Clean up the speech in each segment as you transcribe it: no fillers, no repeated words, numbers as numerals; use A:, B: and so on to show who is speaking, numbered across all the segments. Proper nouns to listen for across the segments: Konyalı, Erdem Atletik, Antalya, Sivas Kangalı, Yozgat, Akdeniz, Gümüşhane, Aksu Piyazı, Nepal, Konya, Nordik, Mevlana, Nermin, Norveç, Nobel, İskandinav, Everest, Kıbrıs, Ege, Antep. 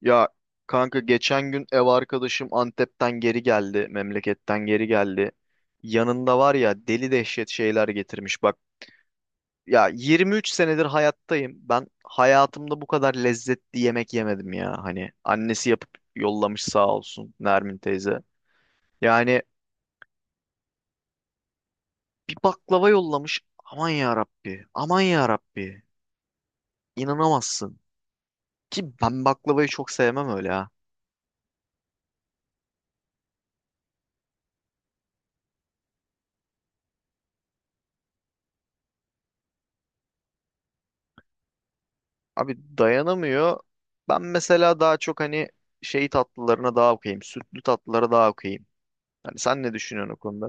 A: Ya kanka geçen gün ev arkadaşım Antep'ten geri geldi, memleketten geri geldi. Yanında var ya deli dehşet şeyler getirmiş. Bak ya 23 senedir hayattayım. Ben hayatımda bu kadar lezzetli yemek yemedim ya. Hani annesi yapıp yollamış sağ olsun Nermin teyze. Yani bir baklava yollamış. Aman ya Rabbi, aman ya Rabbi. İnanamazsın. Ki ben baklavayı çok sevmem öyle. Abi dayanamıyor. Ben mesela daha çok hani şey tatlılarına daha okuyayım. Sütlü tatlılara daha okuyayım. Hani sen ne düşünüyorsun o konuda?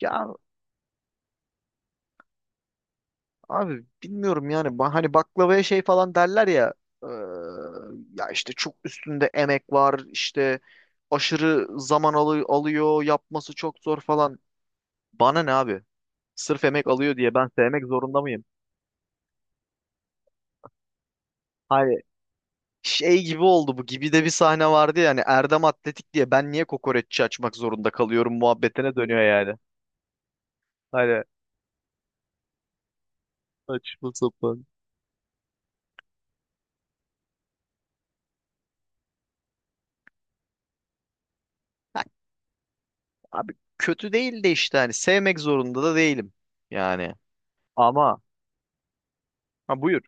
A: Ya abi bilmiyorum yani. Hani baklavaya şey falan derler ya. eee, Ya işte çok üstünde emek var. İşte aşırı zaman alıyor. Yapması çok zor falan. Bana ne abi? Sırf emek alıyor diye ben sevmek zorunda mıyım? Hayır. Şey gibi oldu, bu gibi de bir sahne vardı yani Erdem Atletik diye ben niye kokoreççi açmak zorunda kalıyorum muhabbetine dönüyor yani. Hani saçma sapan. Abi kötü değil de işte hani sevmek zorunda da değilim yani. Ama ha buyur.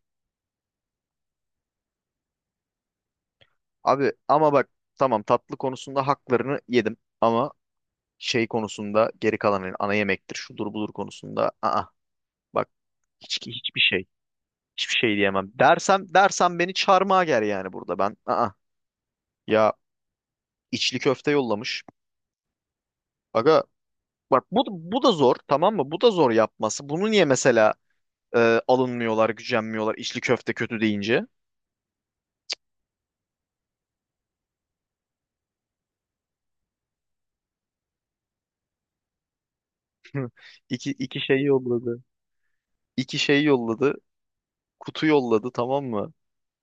A: Abi ama bak, tamam, tatlı konusunda haklarını yedim ama şey konusunda geri kalan hani ana yemektir şudur budur konusunda aa, bak, hiçbir şey hiçbir şey diyemem. Dersem beni çarmıha ger yani burada ben aa ya içli köfte yollamış. Aga. Bak bu da zor tamam mı? Bu da zor yapması. Bunu niye mesela alınmıyorlar, gücenmiyorlar içli köfte kötü deyince? İki şey yolladı. İki şey yolladı. Kutu yolladı tamam mı?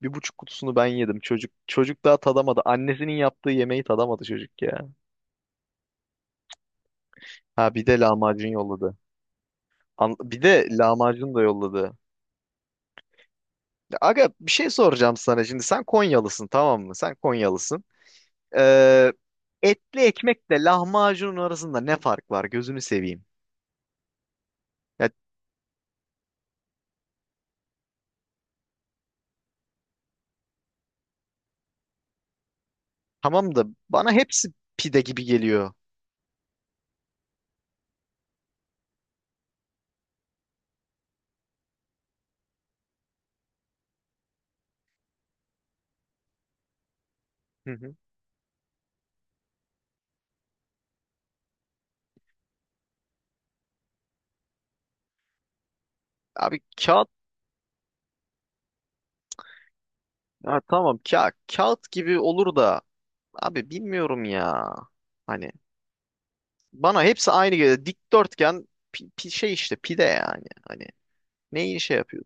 A: Bir buçuk kutusunu ben yedim. Çocuk daha tadamadı. Annesinin yaptığı yemeği tadamadı çocuk ya. Ha bir de lahmacun yolladı. Bir de lahmacun da yolladı. Ya Aga bir şey soracağım sana şimdi. Sen Konyalısın tamam mı? Sen Konyalısın. Ee, etli ekmekle lahmacunun arasında ne fark var? Gözünü seveyim. Ya tamam da bana hepsi pide gibi geliyor. Hı hı. Abi kağıt ha, tamam kağıt gibi olur da abi bilmiyorum ya. Hani bana hepsi aynı geliyor. Dikdörtgen şey işte pide yani. Hani neyi şey yapıyor?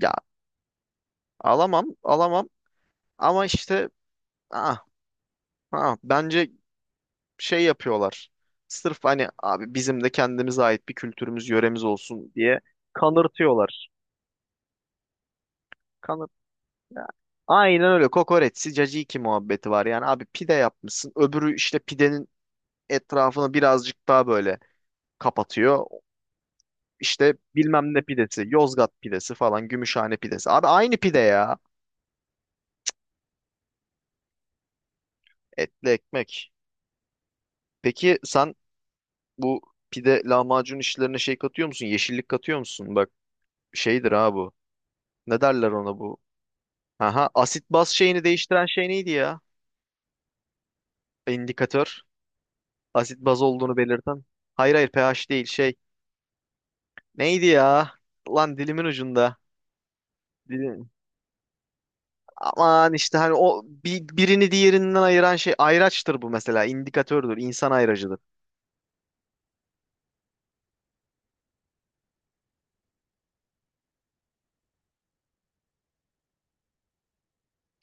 A: Ya alamam ama işte ah, bence şey yapıyorlar. Sırf hani abi bizim de kendimize ait bir kültürümüz yöremiz olsun diye kanırtıyorlar. Aynen öyle. Kokoreçsi caciki muhabbeti var. Yani abi pide yapmışsın. Öbürü işte pidenin etrafını birazcık daha böyle kapatıyor. İşte bilmem ne pidesi, Yozgat pidesi falan, Gümüşhane pidesi. Abi aynı pide ya. Etli ekmek. Peki sen bu pide lahmacun işlerine şey katıyor musun? Yeşillik katıyor musun? Bak şeydir ha bu. Ne derler ona bu? Aha, asit baz şeyini değiştiren şey neydi ya? İndikatör. Asit baz olduğunu belirten. Hayır pH değil şey. Neydi ya? Lan dilimin ucunda. Dilim. Aman işte hani o birini diğerinden ayıran şey ayraçtır bu mesela. İndikatördür, insan ayracıdır.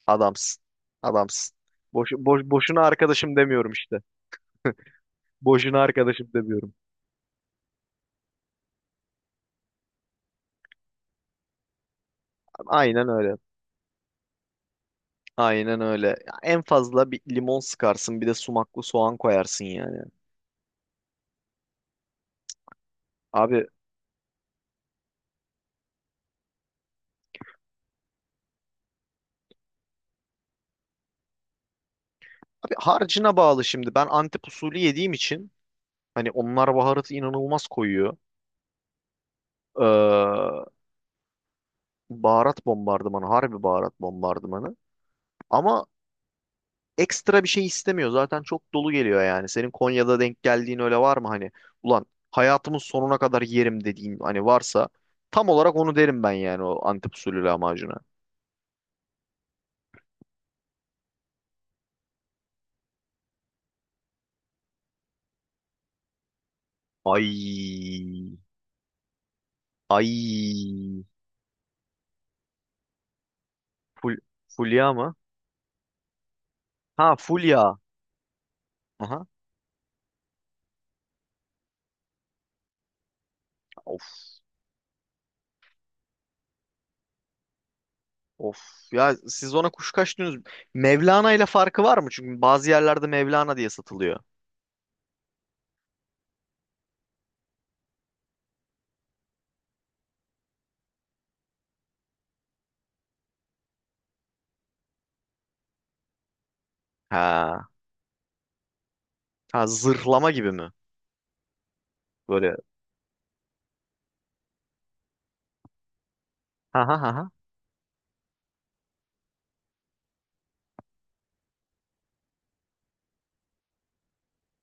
A: Adamsın. Adamsın. Boşuna arkadaşım demiyorum işte. Boşuna arkadaşım demiyorum. Aynen öyle. Aynen öyle. Ya en fazla bir limon sıkarsın, bir de sumaklı soğan koyarsın yani. Abi, Abi harcına bağlı şimdi. Ben Antep usulü yediğim için hani onlar baharatı inanılmaz koyuyor. Ee, Baharat bombardımanı, harbi baharat bombardımanı. Ama ekstra bir şey istemiyor. Zaten çok dolu geliyor yani. Senin Konya'da denk geldiğin öyle var mı hani? Ulan hayatımın sonuna kadar yerim dediğin hani varsa tam olarak onu derim ben yani o Antep usulü lahmacuna. Ay. Ay. Ful, Fulya mı? Ha fulya. Aha. Of of. Ya siz ona kuşkaş diyorsunuz. Mevlana ile farkı var mı? Çünkü bazı yerlerde Mevlana diye satılıyor. Ha. Ha zırhlama gibi mi? Böyle ha ha ha ha.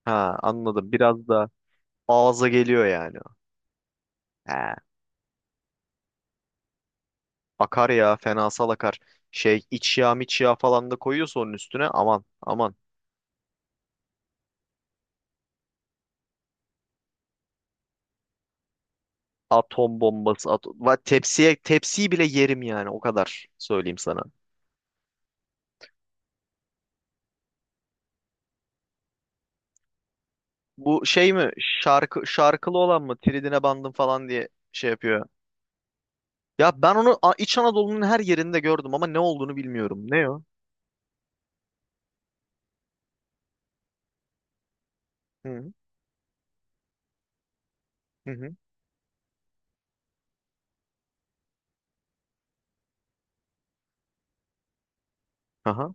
A: Ha, anladım. Biraz da ağza geliyor yani. He. Akar ya fenasal akar. Şey iç yağ miç yağ falan da koyuyorsa onun üstüne aman aman. Atom bombası. Tepsiye tepsiyi bile yerim yani o kadar söyleyeyim sana. Bu şey mi, şarkılı olan mı, tridine bandım falan diye şey yapıyor. Ya ben onu İç Anadolu'nun her yerinde gördüm ama ne olduğunu bilmiyorum. Ne o? Hı hı. Hı. Hı. Aha.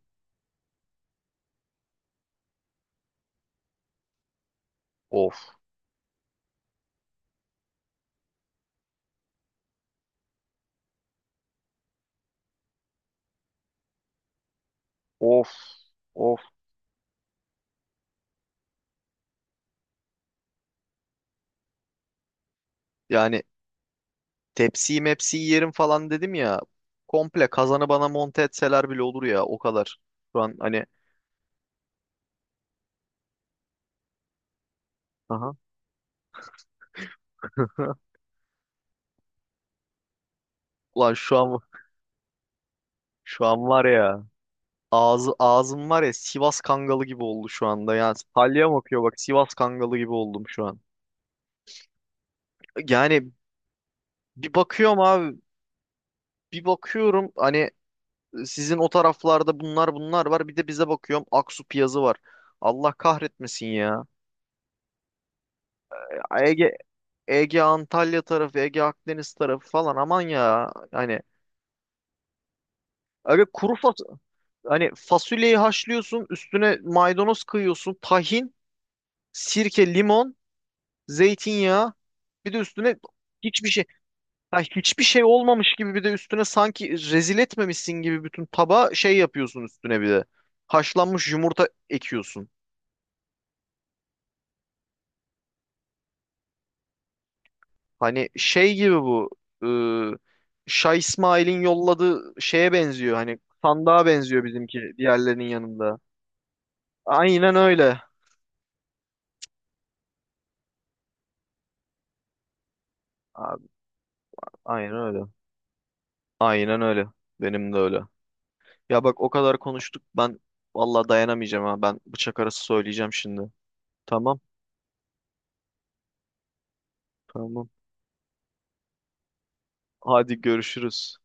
A: Of of of. Yani tepsiyi mepsiyi yerim falan dedim ya. Komple kazanı bana monte etseler bile olur ya o kadar. Şu an hani aha. Ulan şu an, var ya ağzım var ya Sivas Kangalı gibi oldu şu anda. Yani salyam akıyor, bak, Sivas Kangalı gibi oldum şu an. Yani bir bakıyorum abi bir bakıyorum hani sizin o taraflarda bunlar var, bir de bize bakıyorum Aksu Piyazı var. Allah kahretmesin ya. Ege Ege Antalya tarafı, Ege Akdeniz tarafı falan aman ya. Hani öyle kuru fas hani fasulyeyi haşlıyorsun, üstüne maydanoz kıyıyorsun, tahin, sirke, limon, zeytinyağı, bir de üstüne hiçbir şey ha, hiçbir şey olmamış gibi, bir de üstüne sanki rezil etmemişsin gibi bütün tabağa şey yapıyorsun üstüne bir de. Haşlanmış yumurta ekiyorsun. Hani şey gibi bu ıı, Şah İsmail'in yolladığı şeye benziyor. Hani sandığa benziyor bizimki diğerlerinin yanında. Aynen öyle. Abi, aynen öyle. Aynen öyle. Benim de öyle. Ya bak o kadar konuştuk. Ben vallahi dayanamayacağım ha. Ben bıçak arası söyleyeceğim şimdi. Tamam. Tamam. Hadi görüşürüz.